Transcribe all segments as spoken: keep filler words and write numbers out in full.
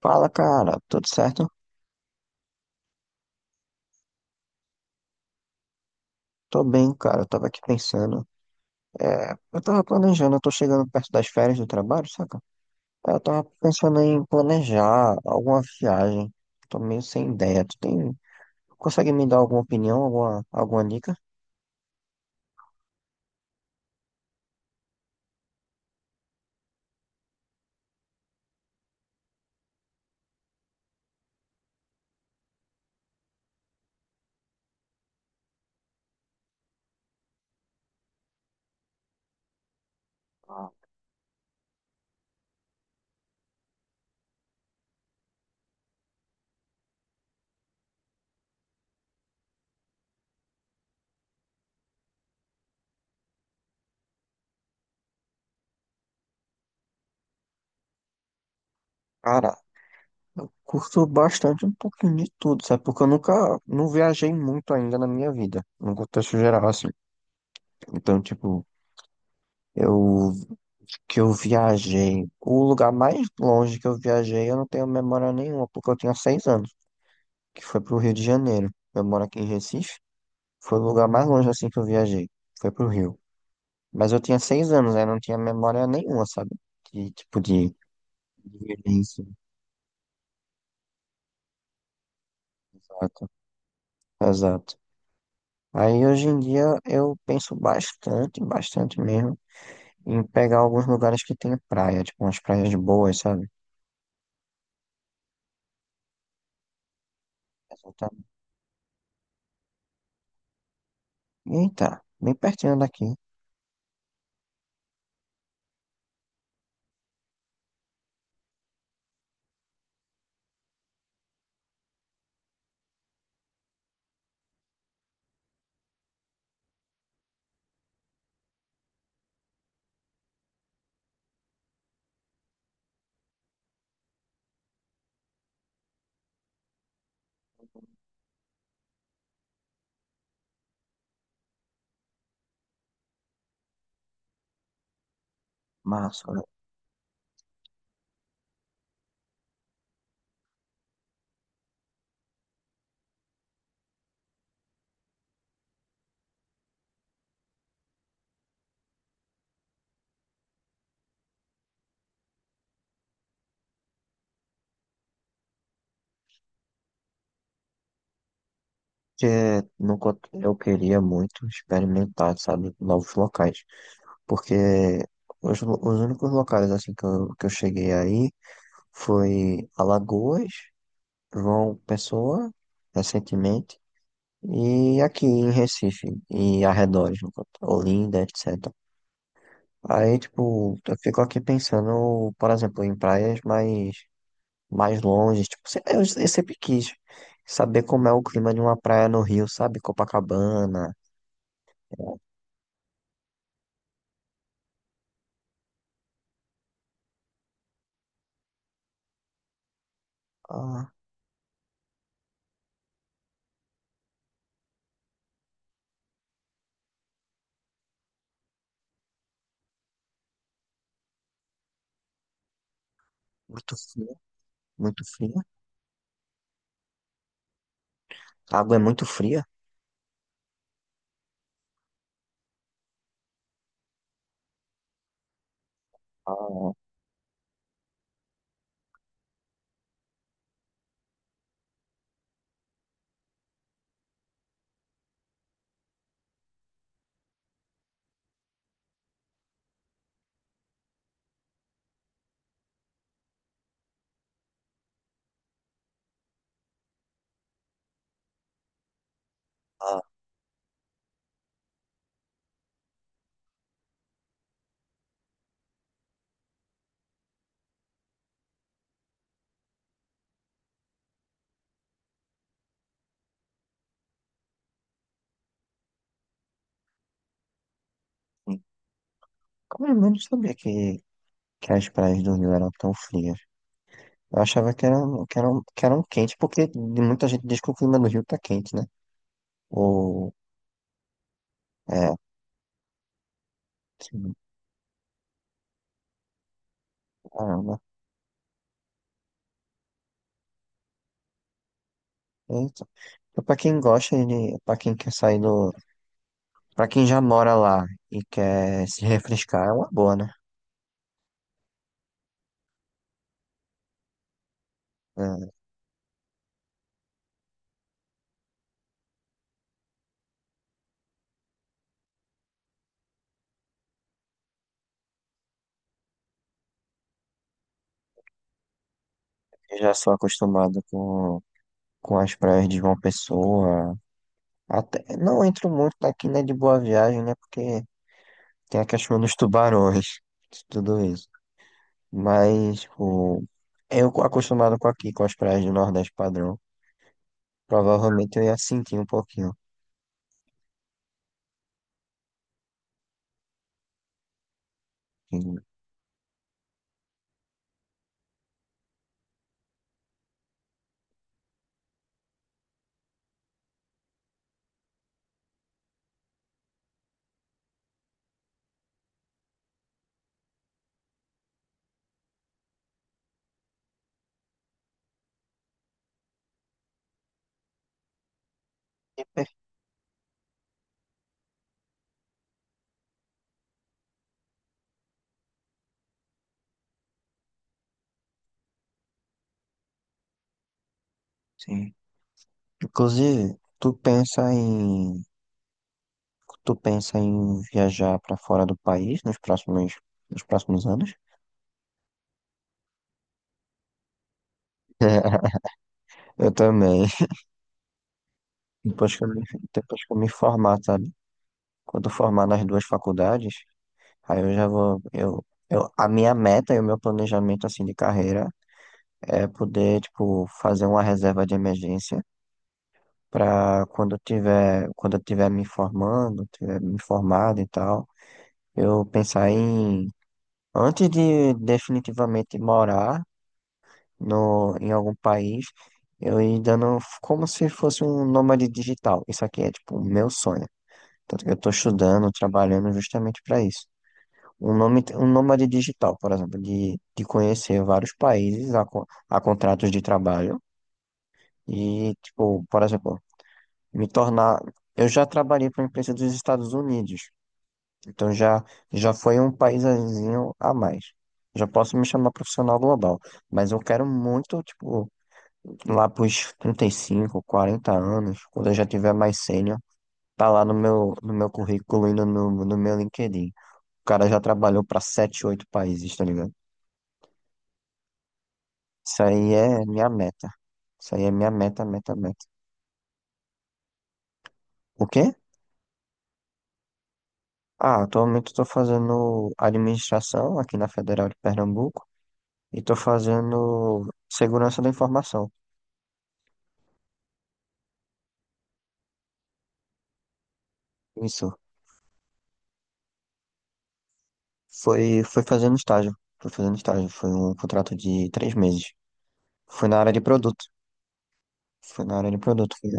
Fala, cara, tudo certo? Tô bem, cara. Eu tava aqui pensando. É, eu tava planejando, eu tô chegando perto das férias do trabalho, saca? Aí eu tava pensando em planejar alguma viagem. Tô meio sem ideia. Tu tem, consegue me dar alguma opinião, alguma, alguma dica? Ah. Cara, eu curto bastante um pouquinho de tudo, sabe? Porque eu nunca, não viajei muito ainda na minha vida, no contexto geral, assim. Então, tipo, eu que eu viajei, o lugar mais longe que eu viajei, eu não tenho memória nenhuma, porque eu tinha seis anos, que foi pro Rio de Janeiro. Eu moro aqui em Recife, foi o lugar mais longe assim que eu viajei, foi pro Rio. Mas eu tinha seis anos, aí não tinha memória nenhuma, sabe? De tipo de de violência. Exato, exato. Aí hoje em dia eu penso bastante, bastante mesmo, em pegar alguns lugares que tem praia, tipo umas praias boas, sabe? Exatamente. Eita, bem pertinho daqui. Massa, que nunca eu queria muito experimentar, sabe, novos locais, porque os, lo- os únicos locais assim que eu, que eu, cheguei aí foi Alagoas, João Pessoa, recentemente, e aqui em Recife e arredores, no caso, Olinda, etcétera. Aí, tipo, eu fico aqui pensando, por exemplo, em praias mais, mais longe, tipo, se- eu, eu sempre quis saber como é o clima de uma praia no Rio, sabe, Copacabana. Ah. Muito fria, muito fria. A água é muito fria. Ah, ah, sim. Como é? Eu não sabia que, que, as praias do Rio eram tão frias. Eu achava que eram, que eram, que eram quentes, porque muita gente diz que o clima do Rio tá quente, né? Ou, é, sim, caramba. Eita. Então, pra quem gosta de, pra quem quer sair do, pra quem já mora lá e quer se refrescar, é uma boa, né? É, eu já sou acostumado com, com as praias de João Pessoa, até, não entro muito aqui, né, de Boa Viagem, né? Porque tem a questão dos tubarões, tudo isso. Mas, tipo, eu acostumado com aqui, com as praias do Nordeste padrão, provavelmente eu ia sentir um pouquinho. Sim. Sim. Inclusive, tu pensa em, tu pensa em viajar para fora do país nos próximos, nos próximos anos? Eu também. Depois que eu me, depois que eu me formar, sabe? Quando eu formar nas duas faculdades, aí eu já vou, eu, eu, a minha meta e o meu planejamento assim de carreira é poder, tipo, fazer uma reserva de emergência para quando eu tiver, quando eu tiver me formando, tiver me formado e tal, eu pensar em, antes de definitivamente morar no, em algum país, eu ir dando como se fosse um nômade digital. Isso aqui é, tipo, o meu sonho. Tanto que eu tô estudando, trabalhando justamente para isso. Um nome, um nômade digital, por exemplo, de, de conhecer vários países a, co- a contratos de trabalho e, tipo, por exemplo, me tornar. Eu já trabalhei para uma empresa dos Estados Unidos, então já, já foi um paísinho a mais. Já posso me chamar profissional global, mas eu quero muito, tipo, lá pros trinta e cinco quarenta anos, quando eu já tiver mais sênior, tá lá no meu, no meu currículo e no, no no meu LinkedIn. O cara já trabalhou para sete oito países, tá ligado? Isso aí é minha meta. Isso aí é minha meta, meta, meta. O quê? Ah, atualmente estou fazendo administração aqui na Federal de Pernambuco e estou fazendo segurança da informação. Isso. Foi, foi fazendo estágio. Foi fazendo estágio. Foi um contrato de três meses. Foi na área de produto. Foi na área de produto. foi-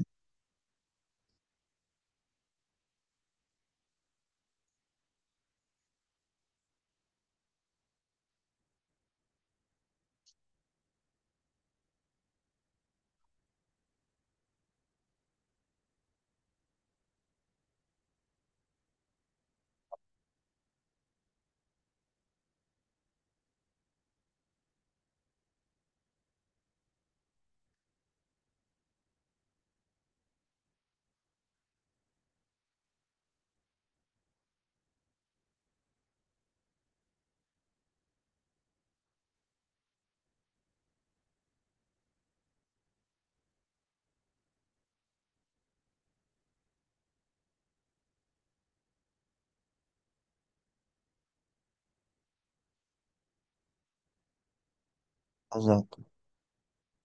Exato.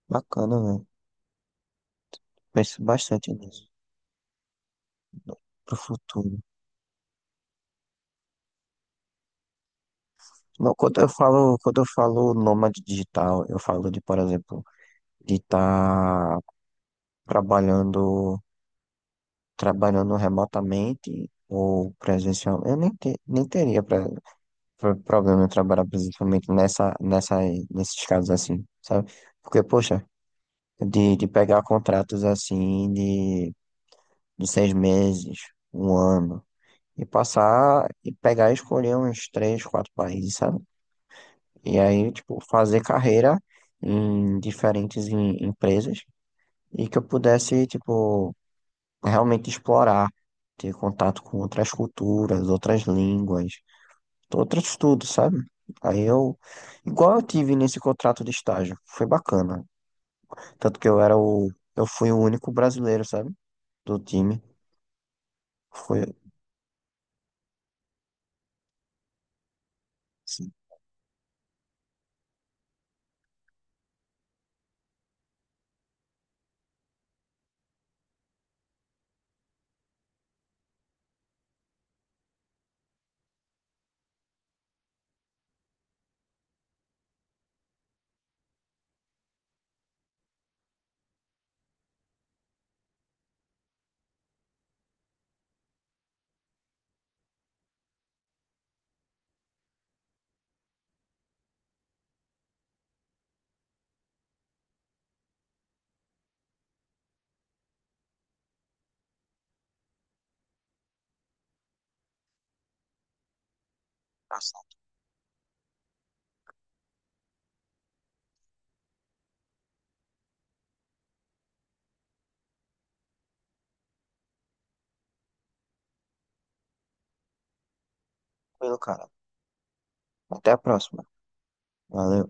Bacana, velho. Penso bastante nisso. Pro futuro. Não, quando eu falo, quando eu falo nômade digital, eu falo de, por exemplo, de estar trabalhando, trabalhando remotamente ou presencial. Eu nem, te- nem teria pra, pro- problema em trabalhar presencialmente nessa, nessa, nesses casos assim, sabe? Porque, poxa, de, de pegar contratos assim de, de seis meses, um ano, e passar e pegar e escolher uns três, quatro países, sabe? E aí, tipo, fazer carreira em diferentes em- empresas e que eu pudesse, tipo, realmente explorar, ter contato com outras culturas, outras línguas, outros tudo, sabe? Aí eu, igual eu tive nesse contrato de estágio, foi bacana. Tanto que eu era o, eu fui o único brasileiro, sabe? Do time. Foi, assim, tá tranquilo, cara. Até a próxima. Valeu.